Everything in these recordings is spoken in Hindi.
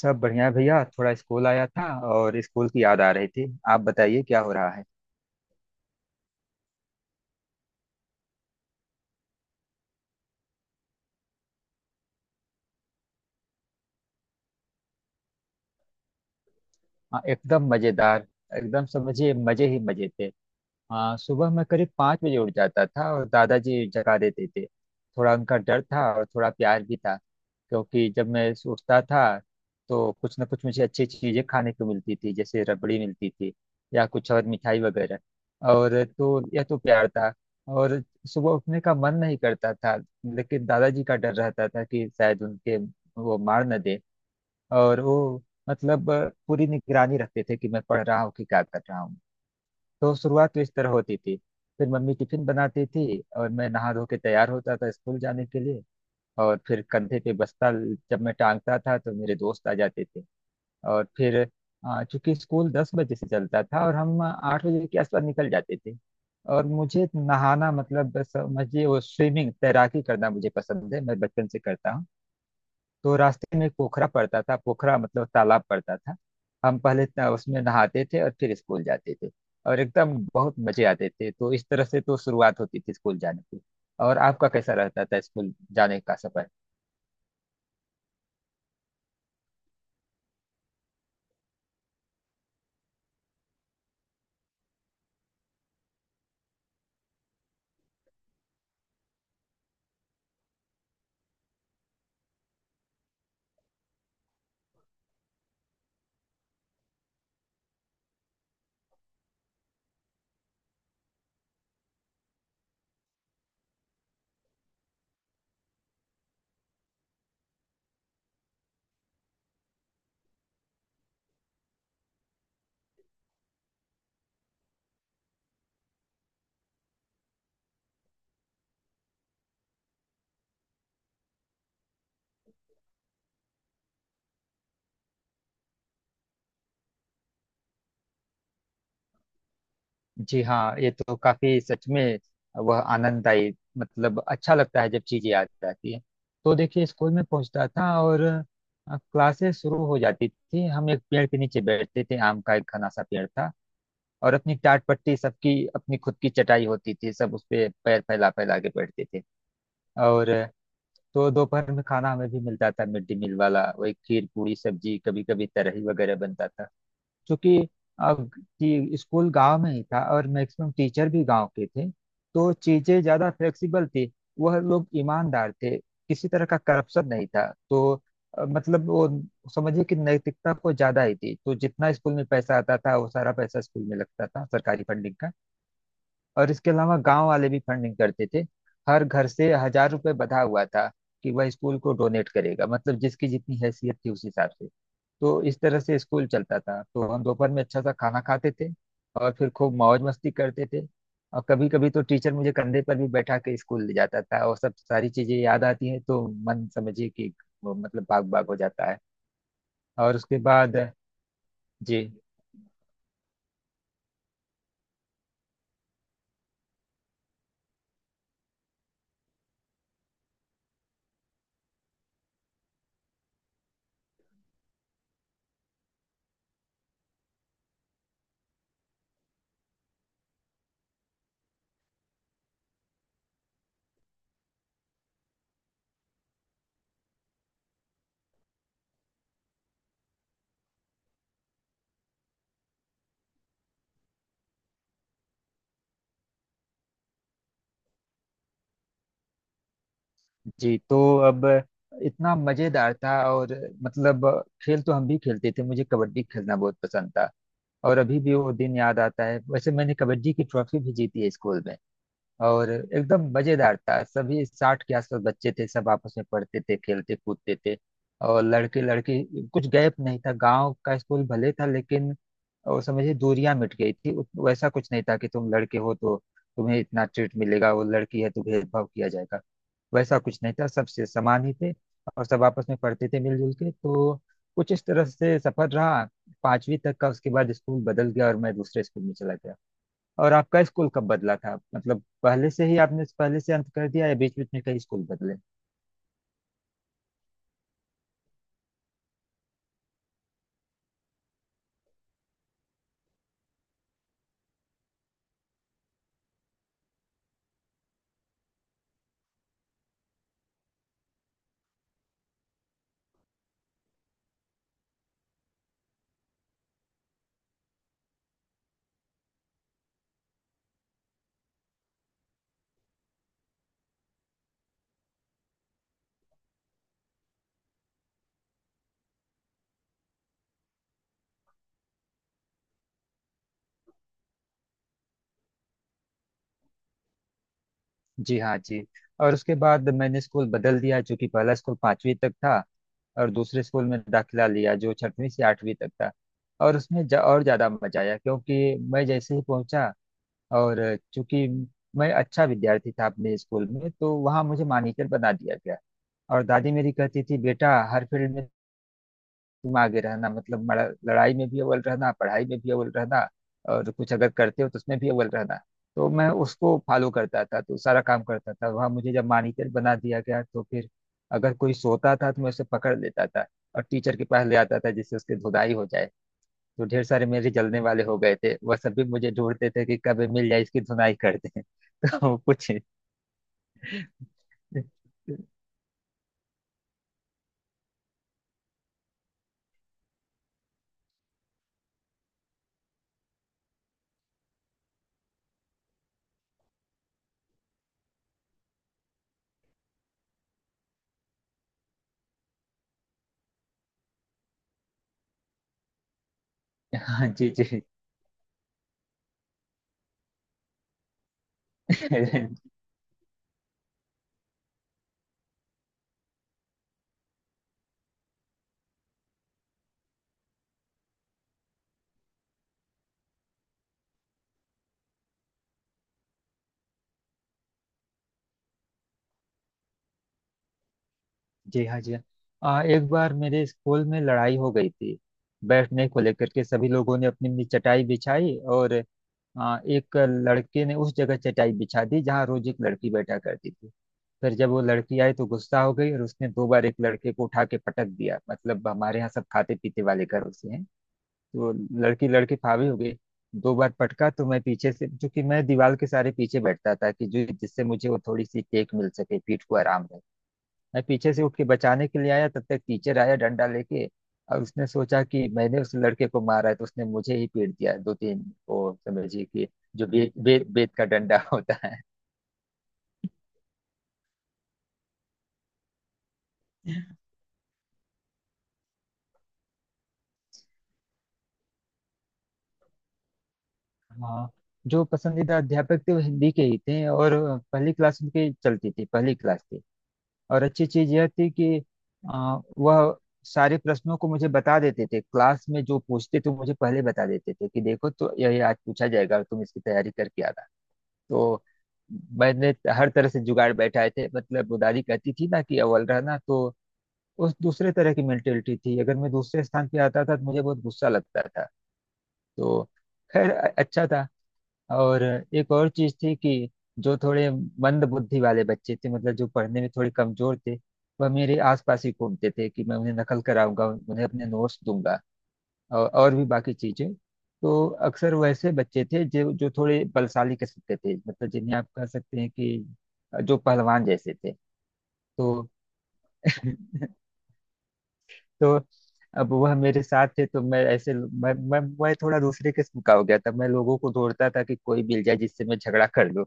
सब बढ़िया है भैया। थोड़ा स्कूल आया था और स्कूल की याद आ रही थी। आप बताइए क्या हो रहा है। हाँ, एकदम मजेदार। एकदम समझिए मजे ही मजे थे। हाँ, सुबह मैं करीब 5 बजे उठ जाता था और दादाजी जगा देते थे, थोड़ा उनका डर था और थोड़ा प्यार भी था, क्योंकि जब मैं उठता था तो कुछ ना कुछ मुझे अच्छी चीजें खाने को मिलती थी, जैसे रबड़ी मिलती थी या कुछ और मिठाई वगैरह। और तो यह तो प्यार था। और सुबह उठने का मन नहीं करता था, लेकिन दादाजी का डर रहता था कि शायद उनके वो मार न दे। और वो, मतलब, पूरी निगरानी रखते थे कि मैं पढ़ रहा हूँ कि क्या कर रहा हूँ। तो शुरुआत तो इस तरह होती थी। फिर मम्मी टिफिन बनाती थी और मैं नहा धो के तैयार होता था स्कूल जाने के लिए। और फिर कंधे पे बस्ता जब मैं टांगता था तो मेरे दोस्त आ जाते थे। और फिर चूंकि स्कूल 10 बजे से चलता था और हम 8 बजे के आसपास निकल जाते थे, और मुझे नहाना, मतलब बस समझिए, वो स्विमिंग तैराकी करना मुझे पसंद है, मैं बचपन से करता हूँ। तो रास्ते में एक पोखरा पड़ता था, पोखरा मतलब तालाब पड़ता था। हम पहले उसमें नहाते थे और फिर स्कूल जाते थे। और एकदम बहुत मजे आते थे, तो इस तरह से तो शुरुआत होती थी स्कूल जाने की। और आपका कैसा रहता था स्कूल जाने का सफर? जी हाँ, ये तो काफी सच में वह आनंददायी, मतलब अच्छा लगता है जब चीजें याद आती है। तो देखिए, स्कूल में पहुंचता था और क्लासेस शुरू हो जाती थी। हम एक पेड़ के नीचे बैठते थे, आम का एक घना सा पेड़ था। और अपनी टाट पट्टी, सबकी अपनी खुद की चटाई होती थी, सब उस पे पैर फैला फैला के बैठते थे। और तो दोपहर में खाना हमें भी मिलता था, मिड डे मील वाला वही खीर पूरी सब्जी, कभी कभी तरही वगैरह बनता था। क्योंकि अब कि स्कूल गांव में ही था और मैक्सिमम टीचर भी गांव के थे, तो चीजें ज्यादा फ्लेक्सिबल थी। वह लोग ईमानदार थे, किसी तरह का करप्शन नहीं था। तो मतलब वो समझिए कि नैतिकता को ज्यादा ही थी, तो जितना स्कूल में पैसा आता था वो सारा पैसा स्कूल में लगता था, सरकारी फंडिंग का। और इसके अलावा गांव वाले भी फंडिंग करते थे, हर घर से 1000 रुपए बंधा हुआ था कि वह स्कूल को डोनेट करेगा, मतलब जिसकी जितनी हैसियत थी उस हिसाब से। तो इस तरह से स्कूल चलता था। तो हम दोपहर में अच्छा सा खाना खाते थे और फिर खूब मौज मस्ती करते थे। और कभी कभी तो टीचर मुझे कंधे पर भी बैठा के स्कूल ले जाता था, और सब सारी चीजें याद आती हैं तो मन समझिए कि वो, मतलब, बाग बाग हो जाता है। और उसके बाद जी, जी। तो अब, इतना मजेदार था, और मतलब खेल तो हम भी खेलते थे, मुझे कबड्डी खेलना बहुत पसंद था और अभी भी वो दिन याद आता है। वैसे मैंने कबड्डी की ट्रॉफी भी जीती है स्कूल में। और एकदम मजेदार था, सभी 60 के आसपास बच्चे थे, सब आपस में पढ़ते थे खेलते कूदते थे। और लड़के लड़की कुछ गैप नहीं था, गांव का स्कूल भले था लेकिन, और समझिए दूरियां मिट गई थी। वैसा कुछ नहीं था कि तुम लड़के हो तो तुम्हें इतना ट्रीट मिलेगा, वो लड़की है तो भेदभाव किया जाएगा। वैसा कुछ नहीं था, सब से समान ही थे और सब आपस में पढ़ते थे मिलजुल के। तो कुछ इस तरह से सफर रहा पांचवी तक का। उसके बाद स्कूल बदल गया और मैं दूसरे स्कूल में चला गया। और आपका स्कूल कब बदला था? मतलब पहले से ही आपने पहले से अंत कर दिया, या बीच बीच में कई स्कूल बदले? जी हाँ, जी। और उसके बाद मैंने स्कूल बदल दिया, जो कि पहला स्कूल पांचवी तक था, और दूसरे स्कूल में दाखिला लिया जो छठवीं से आठवीं तक था। और उसमें और ज्यादा मजा आया, क्योंकि मैं जैसे ही पहुंचा, और चूंकि मैं अच्छा विद्यार्थी था अपने स्कूल में, तो वहाँ मुझे मॉनिटर बना दिया गया। और दादी मेरी कहती थी, बेटा हर फील्ड में तुम आगे रहना, मतलब लड़ाई में भी अव्वल रहना, पढ़ाई में भी अव्वल रहना, और कुछ अगर करते हो तो उसमें भी अव्वल रहना। तो मैं उसको फॉलो करता था, तो सारा काम करता था। वहाँ मुझे जब मॉनिटर बना दिया गया, तो फिर अगर कोई सोता था तो मैं उसे पकड़ लेता था और टीचर के पास ले आता था जिससे उसकी धुलाई हो जाए। जो ढेर सारे मेरे जलने वाले हो गए थे, वह सभी मुझे ढूंढते थे कि कब ये मिल जाए, इसकी धुनाई कर दें। तो कुछ, हाँ जी, जी। जी हाँ, जी हाँ। एक बार मेरे स्कूल में लड़ाई हो गई थी बैठने को लेकर के। सभी लोगों ने अपनी अपनी चटाई बिछाई, और एक लड़के ने उस जगह चटाई बिछा दी जहाँ रोज एक लड़की बैठा करती थी। फिर जब वो लड़की आई तो गुस्सा हो गई, और उसने दो बार एक लड़के को उठा के पटक दिया। मतलब हमारे यहाँ सब खाते पीते वाले घरों से हैं। वो लड़की, लड़की फावी हो गई, दो बार पटका। तो मैं पीछे से, जो कि मैं दीवार के सारे पीछे बैठता था कि जो जिससे मुझे वो थोड़ी सी टेक मिल सके, पीठ को आराम रहे, मैं पीछे से उठ के बचाने के लिए आया। तब तक टीचर आया डंडा लेके, और उसने सोचा कि मैंने उस लड़के को मारा है, तो उसने मुझे ही पीट दिया, दो तीन, वो समझिए कि जो बेत, बेत बेत का डंडा होता है। हाँ, जो पसंदीदा अध्यापक थे वो हिंदी के ही थे, और पहली क्लास उनकी चलती थी, पहली क्लास थी। और अच्छी चीज यह थी कि वह सारे प्रश्नों को मुझे बता देते थे क्लास में। जो पूछते थे मुझे पहले बता देते थे, कि देखो तो यही आज पूछा जाएगा और तुम इसकी तैयारी करके आना। तो मैंने हर तरह से जुगाड़ बैठाए थे, मतलब वो दादी कहती थी ना कि अव्वल रहना, तो उस दूसरे तरह की मेंटेलिटी थी, अगर मैं दूसरे स्थान पे आता था तो मुझे बहुत गुस्सा लगता था। तो खैर अच्छा था। और एक और चीज थी कि जो थोड़े मंद बुद्धि वाले बच्चे थे, मतलब जो पढ़ने में थोड़े कमजोर थे, वह मेरे आसपास ही घूमते थे कि मैं उन्हें नकल कराऊंगा, उन्हें अपने नोट्स दूंगा, और भी बाकी चीजें। तो अक्सर वैसे बच्चे थे जो जो थोड़े बलशाली किस्म के थे, मतलब जिन्हें आप कह सकते हैं कि जो पहलवान जैसे थे। तो तो अब वह मेरे साथ थे, तो मैं ऐसे, मैं थोड़ा दूसरे किस्म का हो गया था। मैं लोगों को दौड़ता था कि कोई मिल जाए जिससे मैं झगड़ा कर लूं,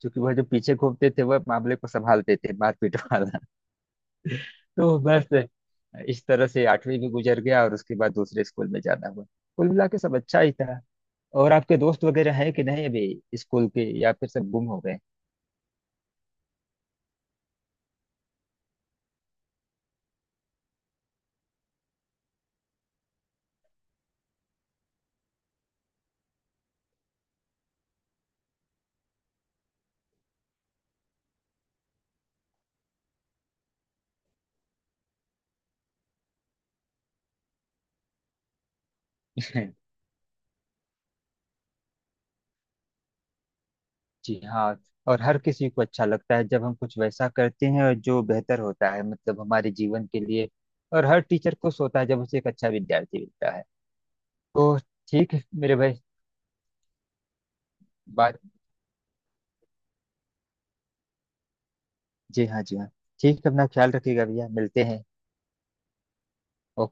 क्योंकि वह जो पीछे घूमते थे वह मामले को संभालते थे, मारपीट वाला। तो बस इस तरह से आठवीं भी गुजर गया और उसके बाद दूसरे स्कूल में जाना हुआ। कुल मिला के सब अच्छा ही था। और आपके दोस्त वगैरह हैं कि नहीं अभी स्कूल के, या फिर सब गुम हो गए? जी हाँ। और हर किसी को अच्छा लगता है जब हम कुछ वैसा करते हैं और जो बेहतर होता है, मतलब हमारे जीवन के लिए। और हर टीचर खुश होता है जब उसे एक अच्छा विद्यार्थी मिलता है। तो ठीक है मेरे भाई। बात। जी हाँ, जी हाँ। ठीक है, अपना ख्याल रखिएगा भैया, मिलते हैं। ओके।